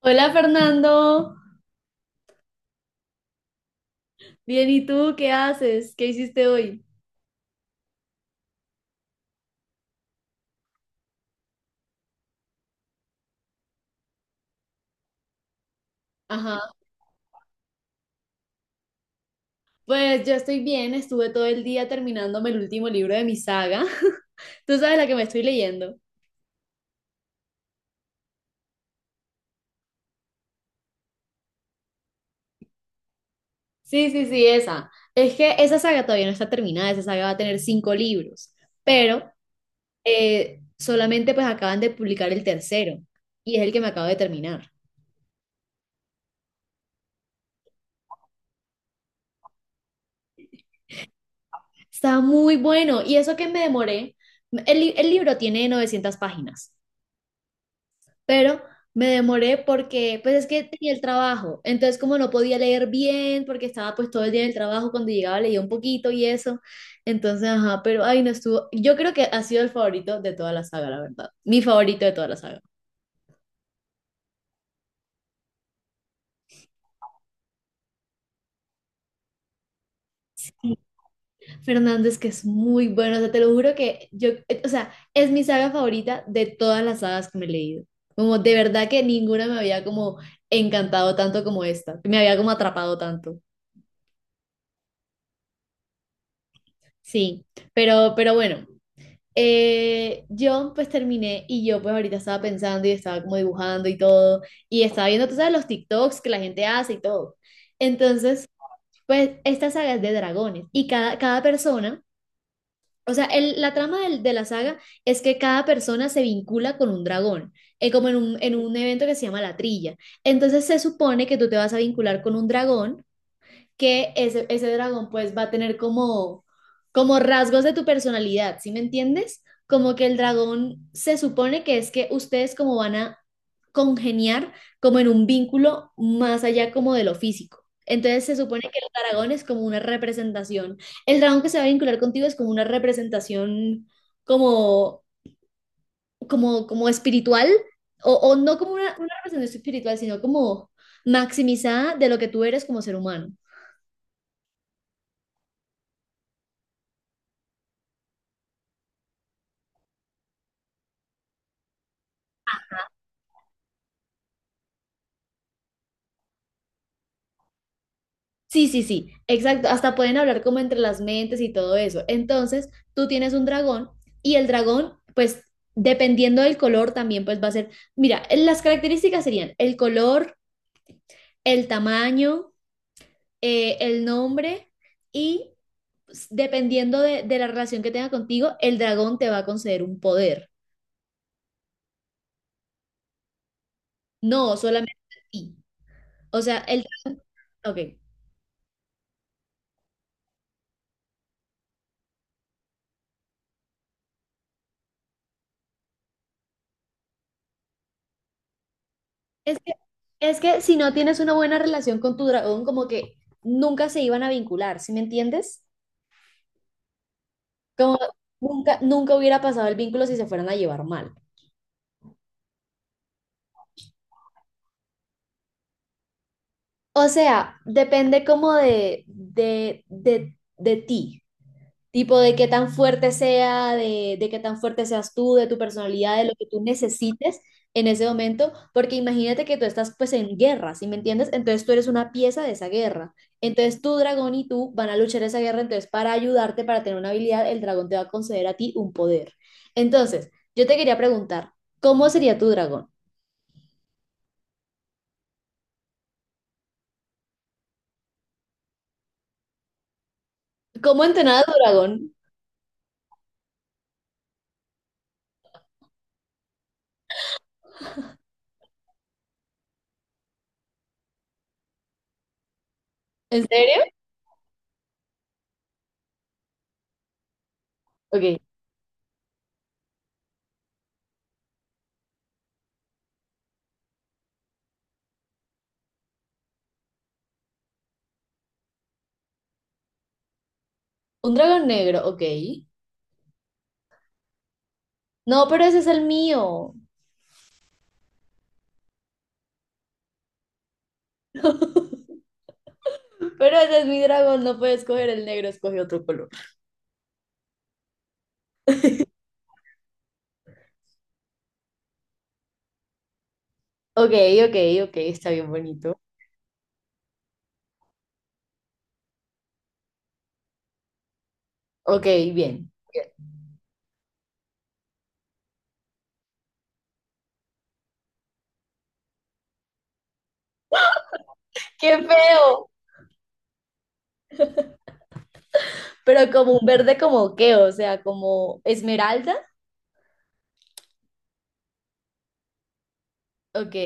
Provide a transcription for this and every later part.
Hola Fernando. Bien, ¿y tú qué haces? ¿Qué hiciste hoy? Ajá, pues yo estoy bien, estuve todo el día terminándome el último libro de mi saga. Tú sabes la que me estoy leyendo. Sí, sí, sí, esa. Es que esa saga todavía no está terminada, esa saga va a tener cinco libros, pero solamente pues acaban de publicar el tercero y es el que me acabo de terminar. Está muy bueno y eso que me demoré, el libro tiene 900 páginas pero me demoré porque pues es que tenía el trabajo, entonces como no podía leer bien porque estaba pues todo el día en el trabajo, cuando llegaba leía un poquito y eso, entonces ajá, pero ay no estuvo, yo creo que ha sido el favorito de toda la saga, la verdad, mi favorito de toda la saga. Fernández, que es muy bueno, o sea, te lo juro que yo, o sea, es mi saga favorita de todas las sagas que me he leído. Como de verdad que ninguna me había como encantado tanto como esta, me había como atrapado tanto. Sí, pero bueno. Yo pues terminé y yo pues ahorita estaba pensando y estaba como dibujando y todo y estaba viendo, tú sabes, los TikToks que la gente hace y todo. Entonces, pues esta saga es de dragones y cada persona, o sea, la trama de la saga es que cada persona se vincula con un dragón, como en un evento que se llama la trilla. Entonces se supone que tú te vas a vincular con un dragón que ese dragón pues va a tener como rasgos de tu personalidad, ¿sí me entiendes? Como que el dragón se supone que es que ustedes como van a congeniar como en un vínculo más allá como de lo físico. Entonces se supone que el dragón es como una representación. El dragón que se va a vincular contigo es como una representación como, como espiritual, o no como una representación espiritual, sino como maximizada de lo que tú eres como ser humano. Sí, sí, sí, exacto. Hasta pueden hablar como entre las mentes y todo eso. Entonces, tú tienes un dragón y el dragón, pues, dependiendo del color, también pues va a ser, mira, las características serían el color, el tamaño, el nombre y pues, dependiendo de la relación que tenga contigo, el dragón te va a conceder un poder, no solamente a ti. O sea, ok. Es que, es que si no tienes una buena relación con tu dragón, como que nunca se iban a vincular, ¿sí me entiendes? Como nunca hubiera pasado el vínculo si se fueran a llevar mal. O sea, depende como de ti. Tipo de qué tan fuerte sea, de qué tan fuerte seas tú, de tu personalidad, de lo que tú necesites en ese momento, porque imagínate que tú estás pues en guerra, ¿sí me entiendes? Entonces tú eres una pieza de esa guerra. Entonces tu dragón y tú van a luchar esa guerra, entonces para ayudarte, para tener una habilidad, el dragón te va a conceder a ti un poder. Entonces, yo te quería preguntar, ¿cómo sería tu dragón? ¿Cómo entrenar a tu dragón? ¿En serio? Ok. Un dragón negro, ok. No, pero ese es el mío. Pero ese es mi dragón, no puede escoger el negro, escoge otro color. Ok, ok, ok, está bien bonito. Ok, bien. ¡Qué feo! Pero como un verde como qué, o sea, como esmeralda. Ok,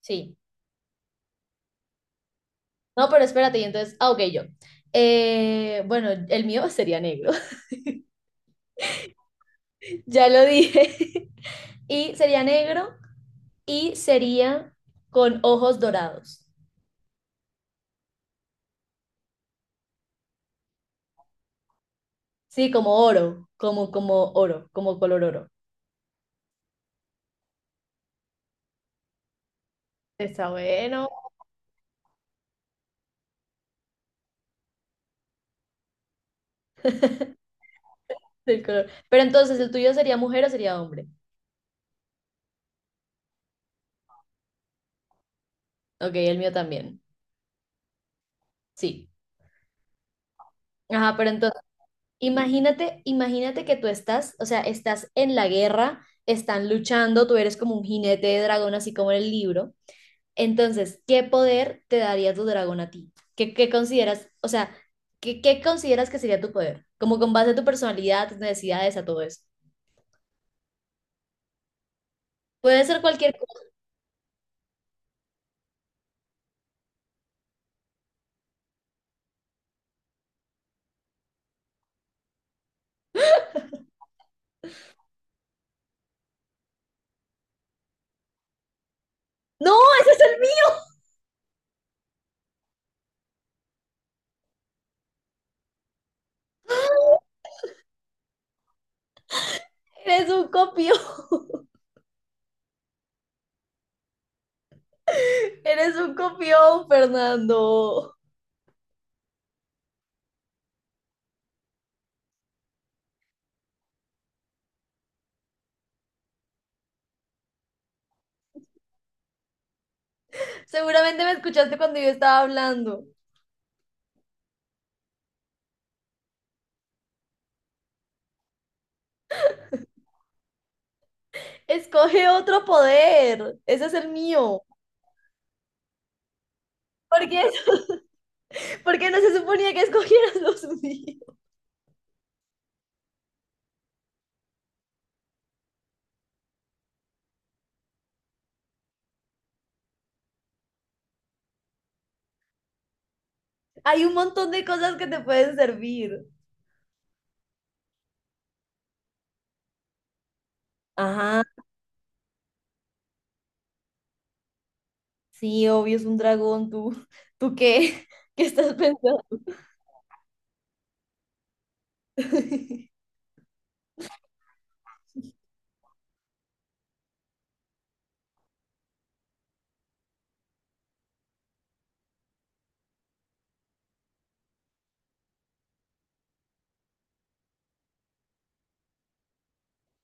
sí. No, pero espérate, y entonces, ah, ok, yo. Bueno, el mío sería negro, ya lo dije. Y sería negro y sería con ojos dorados. Sí, como oro, como oro, como color oro. Está bueno. Del color. Pero entonces, ¿el tuyo sería mujer o sería hombre? Ok, el mío también. Sí. Ajá, pero entonces, imagínate que tú estás, o sea, estás en la guerra, están luchando, tú eres como un jinete de dragón, así como en el libro. Entonces, ¿qué poder te daría tu dragón a ti? ¿Qué consideras, o sea, ¿qué consideras que sería tu poder? Como con base a tu personalidad, tus necesidades, a todo eso. Puede ser cualquier cosa. ¡No! ¡Ese es el mío! Eres un copión. Eres un copión, Fernando. Seguramente me escuchaste cuando yo estaba hablando. Escoge otro poder. Ese es el mío. ¿Por qué, por no se suponía que escogieras los míos? Hay un montón de cosas que te pueden servir. Ajá, sí, obvio, es un dragón. ¿Tú qué? ¿Qué estás pensando?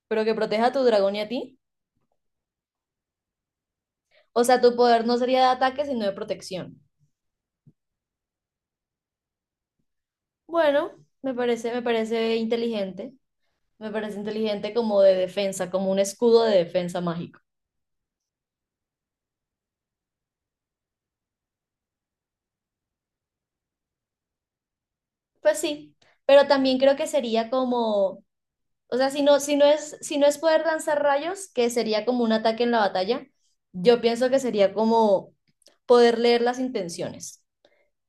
Pero que proteja a tu dragón y a ti. O sea, tu poder no sería de ataque, sino de protección. Bueno, me parece inteligente. Me parece inteligente como de defensa, como un escudo de defensa mágico. Pues sí, pero también creo que sería como, o sea, si no es poder lanzar rayos, que sería como un ataque en la batalla, yo pienso que sería como poder leer las intenciones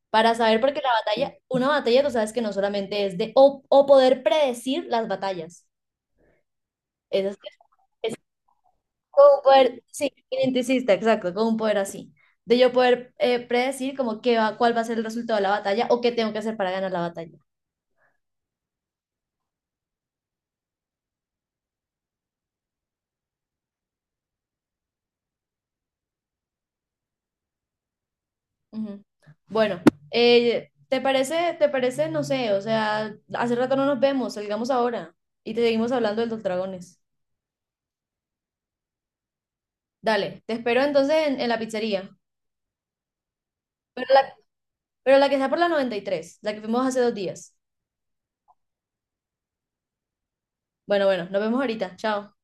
para saber, porque la batalla, una batalla tú sabes que no solamente es de, o poder predecir las batallas. Eso es como un poder, sí, identicista, exacto, como un poder así. De yo poder predecir como qué va, cuál va a ser el resultado de la batalla o qué tengo que hacer para ganar la batalla. Ujú. Bueno, ¿te parece, no sé, o sea, hace rato no nos vemos, salgamos ahora y te seguimos hablando del Dos Dragones? Dale, te espero entonces en, la pizzería, pero la, pero la que está por la 93, la que fuimos hace 2 días. Bueno, bueno, nos vemos ahorita, chao.